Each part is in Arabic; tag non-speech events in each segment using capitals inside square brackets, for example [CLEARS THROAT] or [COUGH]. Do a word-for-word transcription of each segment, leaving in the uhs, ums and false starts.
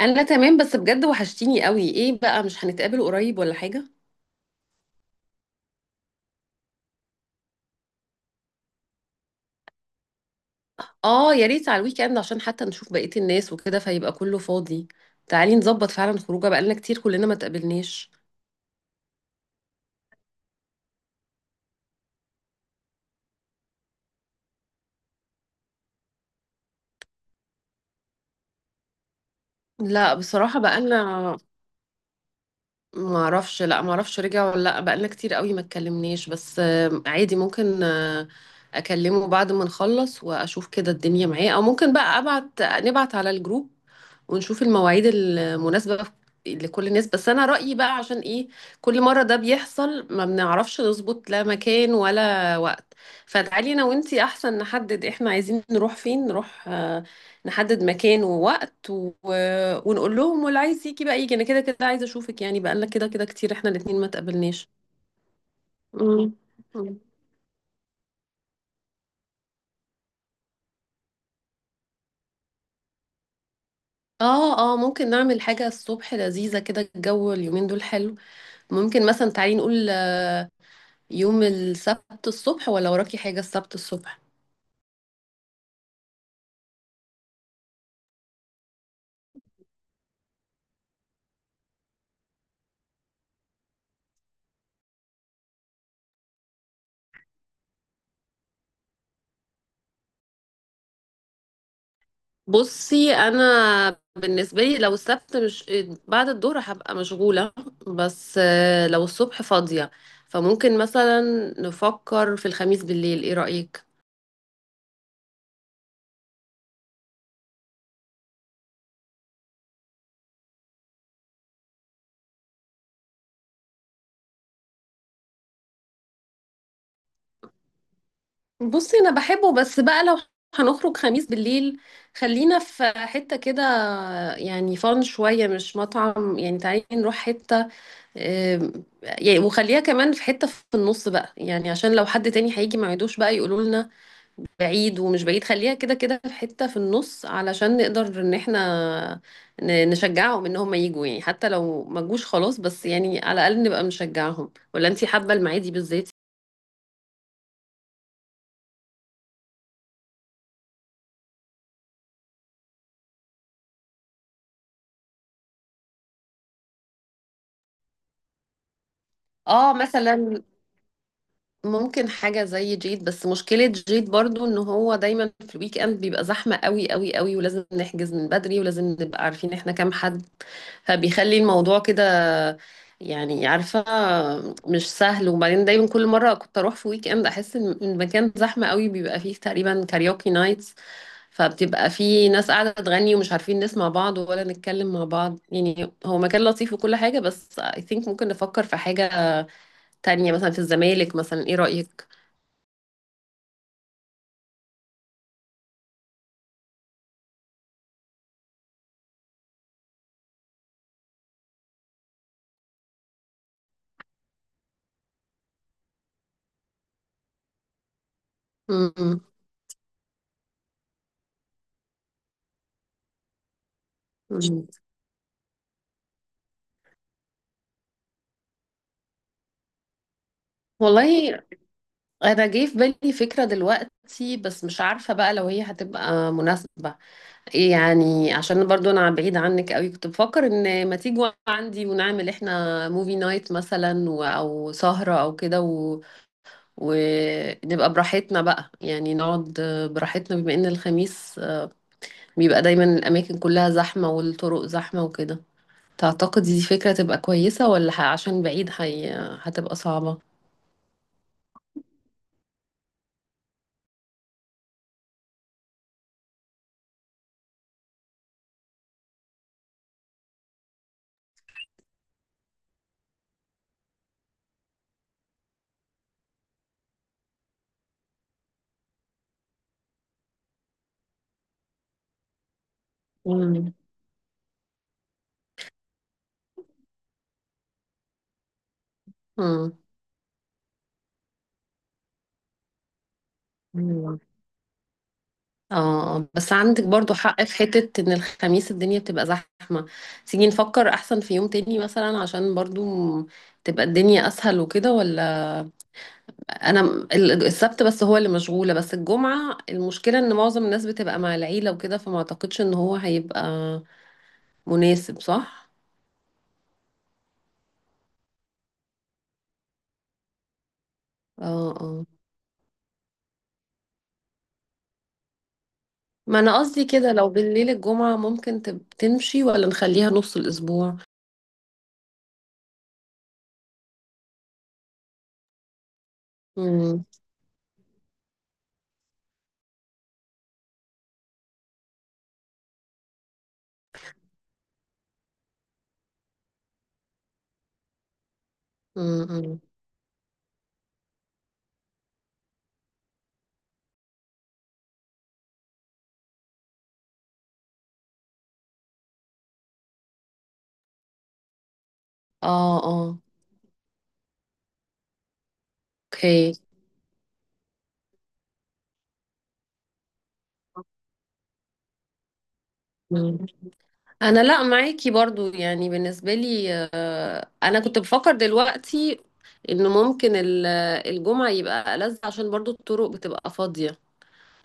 انا تمام، بس بجد وحشتيني قوي. ايه بقى، مش هنتقابل قريب ولا حاجة؟ اه يا ريت على الويك اند عشان حتى نشوف بقية الناس وكده، فيبقى كله فاضي. تعالي نظبط فعلا خروجه، بقالنا كتير كلنا ما تقابلناش. لا بصراحة بقالنا، ما اعرفش لا ما اعرفش رجع ولا لا، بقالنا كتير قوي ما اتكلمناش، بس آه، عادي، ممكن آه، اكلمه بعد ما نخلص واشوف كده الدنيا معاه، او ممكن بقى ابعت نبعت على الجروب ونشوف المواعيد المناسبة لكل الناس. بس انا رأيي بقى، عشان ايه كل مرة ده بيحصل ما بنعرفش نظبط لا مكان ولا وقت، فتعالي انا وانتي احسن نحدد احنا عايزين نروح فين، نروح نحدد مكان ووقت و ونقول لهم، واللي عايز يجي بقى يجي، انا كده كده عايزه اشوفك يعني، بقالنا كده كده كتير احنا الاتنين ما تقابلناش. مم. مم. اه اه، ممكن نعمل حاجة الصبح لذيذة كده، الجو اليومين دول حلو. ممكن مثلا، تعالي نقول آه، يوم السبت الصبح، ولا وراكي حاجة السبت الصبح؟ بصي، انا بالنسبة لي لو السبت، مش بعد الظهر هبقى مشغولة، بس آه، لو الصبح فاضية فممكن مثلا نفكر في الخميس بالليل. ايه رأيك؟ بصي انا بحبه، بس بقى لو هنخرج خميس بالليل خلينا في حتة كده، يعني فان شوية مش مطعم، يعني تعالي نروح حتة، آم، يعني وخليها كمان في حتة في النص بقى، يعني عشان لو حد تاني هيجي ما يعيدوش بقى يقولوا لنا بعيد ومش بعيد، خليها كده كده في حتة في النص علشان نقدر ان احنا ن- نشجعهم ان هم يجوا يعني، حتى لو ما جوش خلاص بس يعني على الاقل نبقى نشجعهم. ولا انتي حابة المعادي بالذات؟ اه مثلا. ممكن حاجة زي جيد، بس مشكلة جيد برضو ان هو دايما في الويك اند بيبقى زحمة قوي قوي قوي، ولازم نحجز من بدري، ولازم نبقى عارفين احنا كام حد، فبيخلي الموضوع كده يعني، عارفة، مش سهل. وبعدين دايما كل مرة كنت اروح في ويك اند احس ان المكان زحمة قوي، بيبقى فيه تقريبا كاريوكي نايتس، فبتبقى فيه ناس قاعدة تغني ومش عارفين نسمع بعض ولا نتكلم مع بعض، يعني هو مكان لطيف وكل حاجة، بس I think ممكن نفكر في حاجة تانية مثلا في الزمالك مثلا. ايه رأيك؟ مم. مم. والله انا جه في بالي فكره دلوقتي، بس مش عارفه بقى لو هي هتبقى مناسبه ايه يعني. عشان برضو انا بعيد عنك قوي، كنت بفكر ان ما تيجوا عندي، ونعمل احنا موفي نايت مثلا و او سهره او كده و ونبقى براحتنا بقى يعني، نقعد براحتنا، بما ان الخميس بيبقى دايما الاماكن كلها زحمه والطرق زحمه وكده. تعتقد دي فكره تبقى كويسه، ولا ه- عشان بعيد هي هتبقى صعبه؟ مم. مم. مم. اه، بس عندك برضو حق في حتة ان الخميس الدنيا بتبقى زحمة. تيجي نفكر احسن في يوم تاني مثلا عشان برضو م- تبقى الدنيا اسهل وكده. ولا انا م- ال- السبت بس هو اللي مشغولة، بس الجمعة المشكلة ان معظم الناس بتبقى مع العيلة وكده فما اعتقدش ان هو هيبقى مناسب. صح؟ اه اه، ما انا قصدي كده لو بالليل الجمعة ممكن تب- تمشي، ولا نخليها نص الاسبوع؟ امم. امم. اه. اه. اوكي، انا لا معاكي برضو يعني بالنسبه لي، آه، انا كنت بفكر دلوقتي انه ممكن ال- الجمعه يبقى ألذ، عشان برضو الطرق بتبقى فاضيه،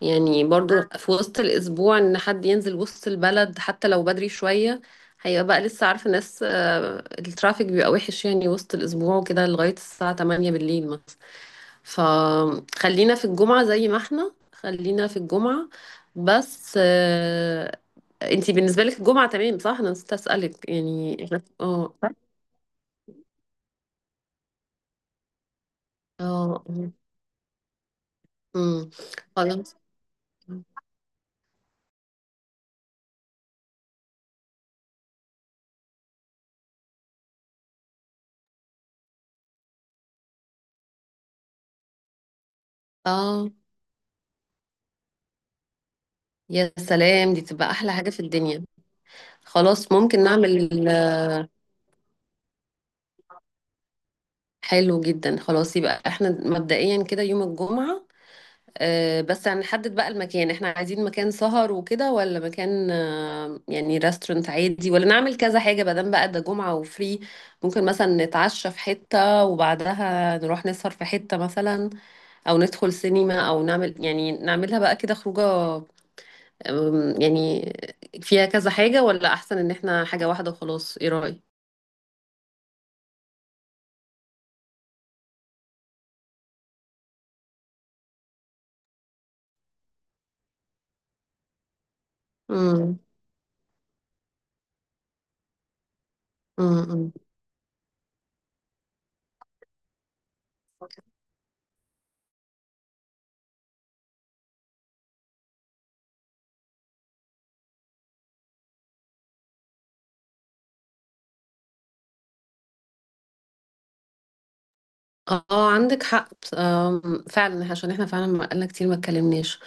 يعني برضو في وسط الاسبوع ان حد ينزل وسط البلد حتى لو بدري شويه هيبقى بقى لسه، عارفه ناس آه، الترافيك بيبقى وحش يعني وسط الاسبوع وكده لغايه الساعه ثمانية بالليل مثلا، فخلينا في الجمعه زي ما احنا خلينا في الجمعه. بس آه، انتي بالنسبة لك الجمعة تمام، صح؟ انا نسيت اسألك يعني احنا. اه. اه. امم. خلاص. اه يا سلام، دي تبقى احلى حاجة في الدنيا. خلاص ممكن نعمل. حلو جدا، خلاص يبقى احنا مبدئيا كده يوم الجمعة. آه بس هنحدد بقى المكان، احنا عايزين مكان سهر وكده، ولا مكان آه يعني ريستورانت عادي، ولا نعمل كذا حاجة بدل بقى ده جمعة وفري، ممكن مثلا نتعشى في حتة وبعدها نروح نسهر في حتة مثلا، او ندخل سينما، او نعمل يعني نعملها بقى كده خروجه، أم، يعني فيها كذا حاجة، ولا احسن ان احنا حاجة واحدة وخلاص. ايه رأيك؟ امم. امم. اه، عندك حق. أم، فعلا عشان احنا فعلا بقالنا كتير ما اتكلمناش.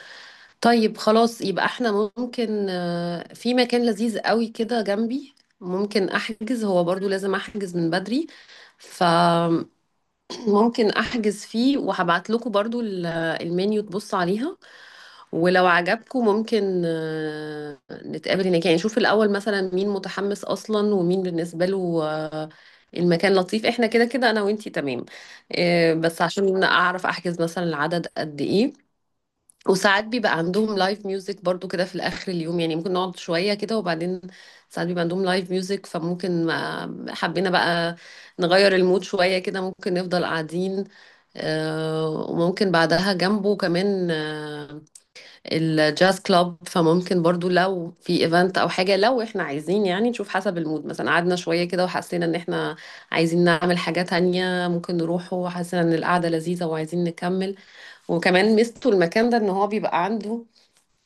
طيب خلاص يبقى احنا، ممكن آه، في مكان لذيذ قوي كده جنبي. ممكن احجز، هو برضو لازم احجز من بدري، فممكن [CLEARS THROAT] احجز فيه وهبعت لكم برضو ال- المنيو تبص عليها. ولو عجبكم ممكن آه، نتقابل هناك، يعني نشوف الأول مثلا مين متحمس أصلا، ومين بالنسبة له آه، المكان لطيف. احنا كده كده أنا وإنتي تمام، آه، بس عشان أعرف أحجز مثلا العدد قد إيه. وساعات بيبقى عندهم لايف ميوزك برضو كده في الآخر اليوم يعني، ممكن نقعد شوية كده، وبعدين ساعات بيبقى عندهم لايف ميوزك فممكن آه، حبينا بقى نغير المود شوية كده ممكن نفضل قاعدين. آه، وممكن بعدها جنبه كمان آه، الجاز كلاب، فممكن برضو لو في ايفنت او حاجة لو احنا عايزين، يعني نشوف حسب المود، مثلا قعدنا شوية كده وحسينا ان احنا عايزين نعمل حاجة تانية ممكن نروحه، وحسينا ان القعدة لذيذة وعايزين نكمل. وكمان ميزته المكان ده ان هو بيبقى عنده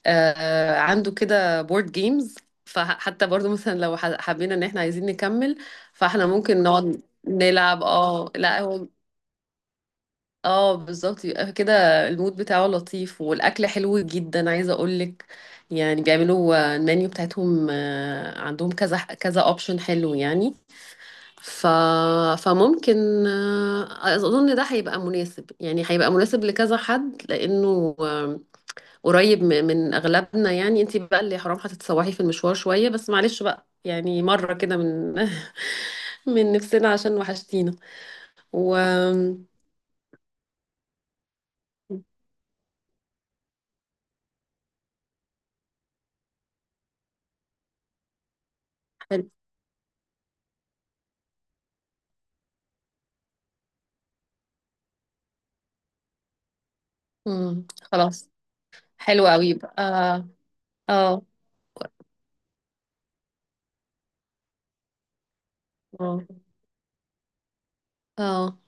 آه عنده كده بورد جيمز، فحتى برضو مثلا لو ح- حبينا ان احنا عايزين نكمل فاحنا ممكن نقعد نلعب. اه لا هو، اه بالظبط، يبقى كده المود بتاعه لطيف والاكل حلو جدا، عايزه اقولك يعني بيعملوا آه، المنيو بتاعتهم آه، عندهم كذا كذا اوبشن حلو يعني. ف فممكن آه، اظن ده هيبقى مناسب يعني، هيبقى مناسب لكذا حد لانه آه، قريب م- من اغلبنا، يعني انتي بقى اللي حرام هتتسوحي في المشوار شويه، بس معلش بقى يعني مره كده من [LAUGHS] من نفسنا عشان وحشتينا. و، حلو. مم. خلاص. حلو قوي يبقى اه. اه. اه. آه.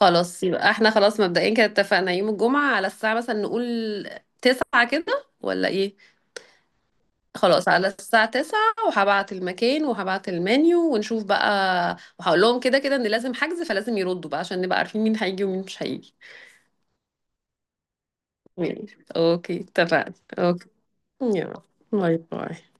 خلاص يبقى احنا، خلاص مبدئيا كده اتفقنا يوم الجمعة. على الساعة مثلا نقول تسعة كده ولا ايه؟ خلاص، على الساعة تسعة، وهبعت المكان وهبعت المنيو ونشوف بقى، وهقول لهم كده كده ان لازم حجز فلازم يردوا بقى عشان نبقى عارفين مين هيجي ومين مش هيجي. ماشي. اوكي اتفقنا. اوكي يلا. باي باي.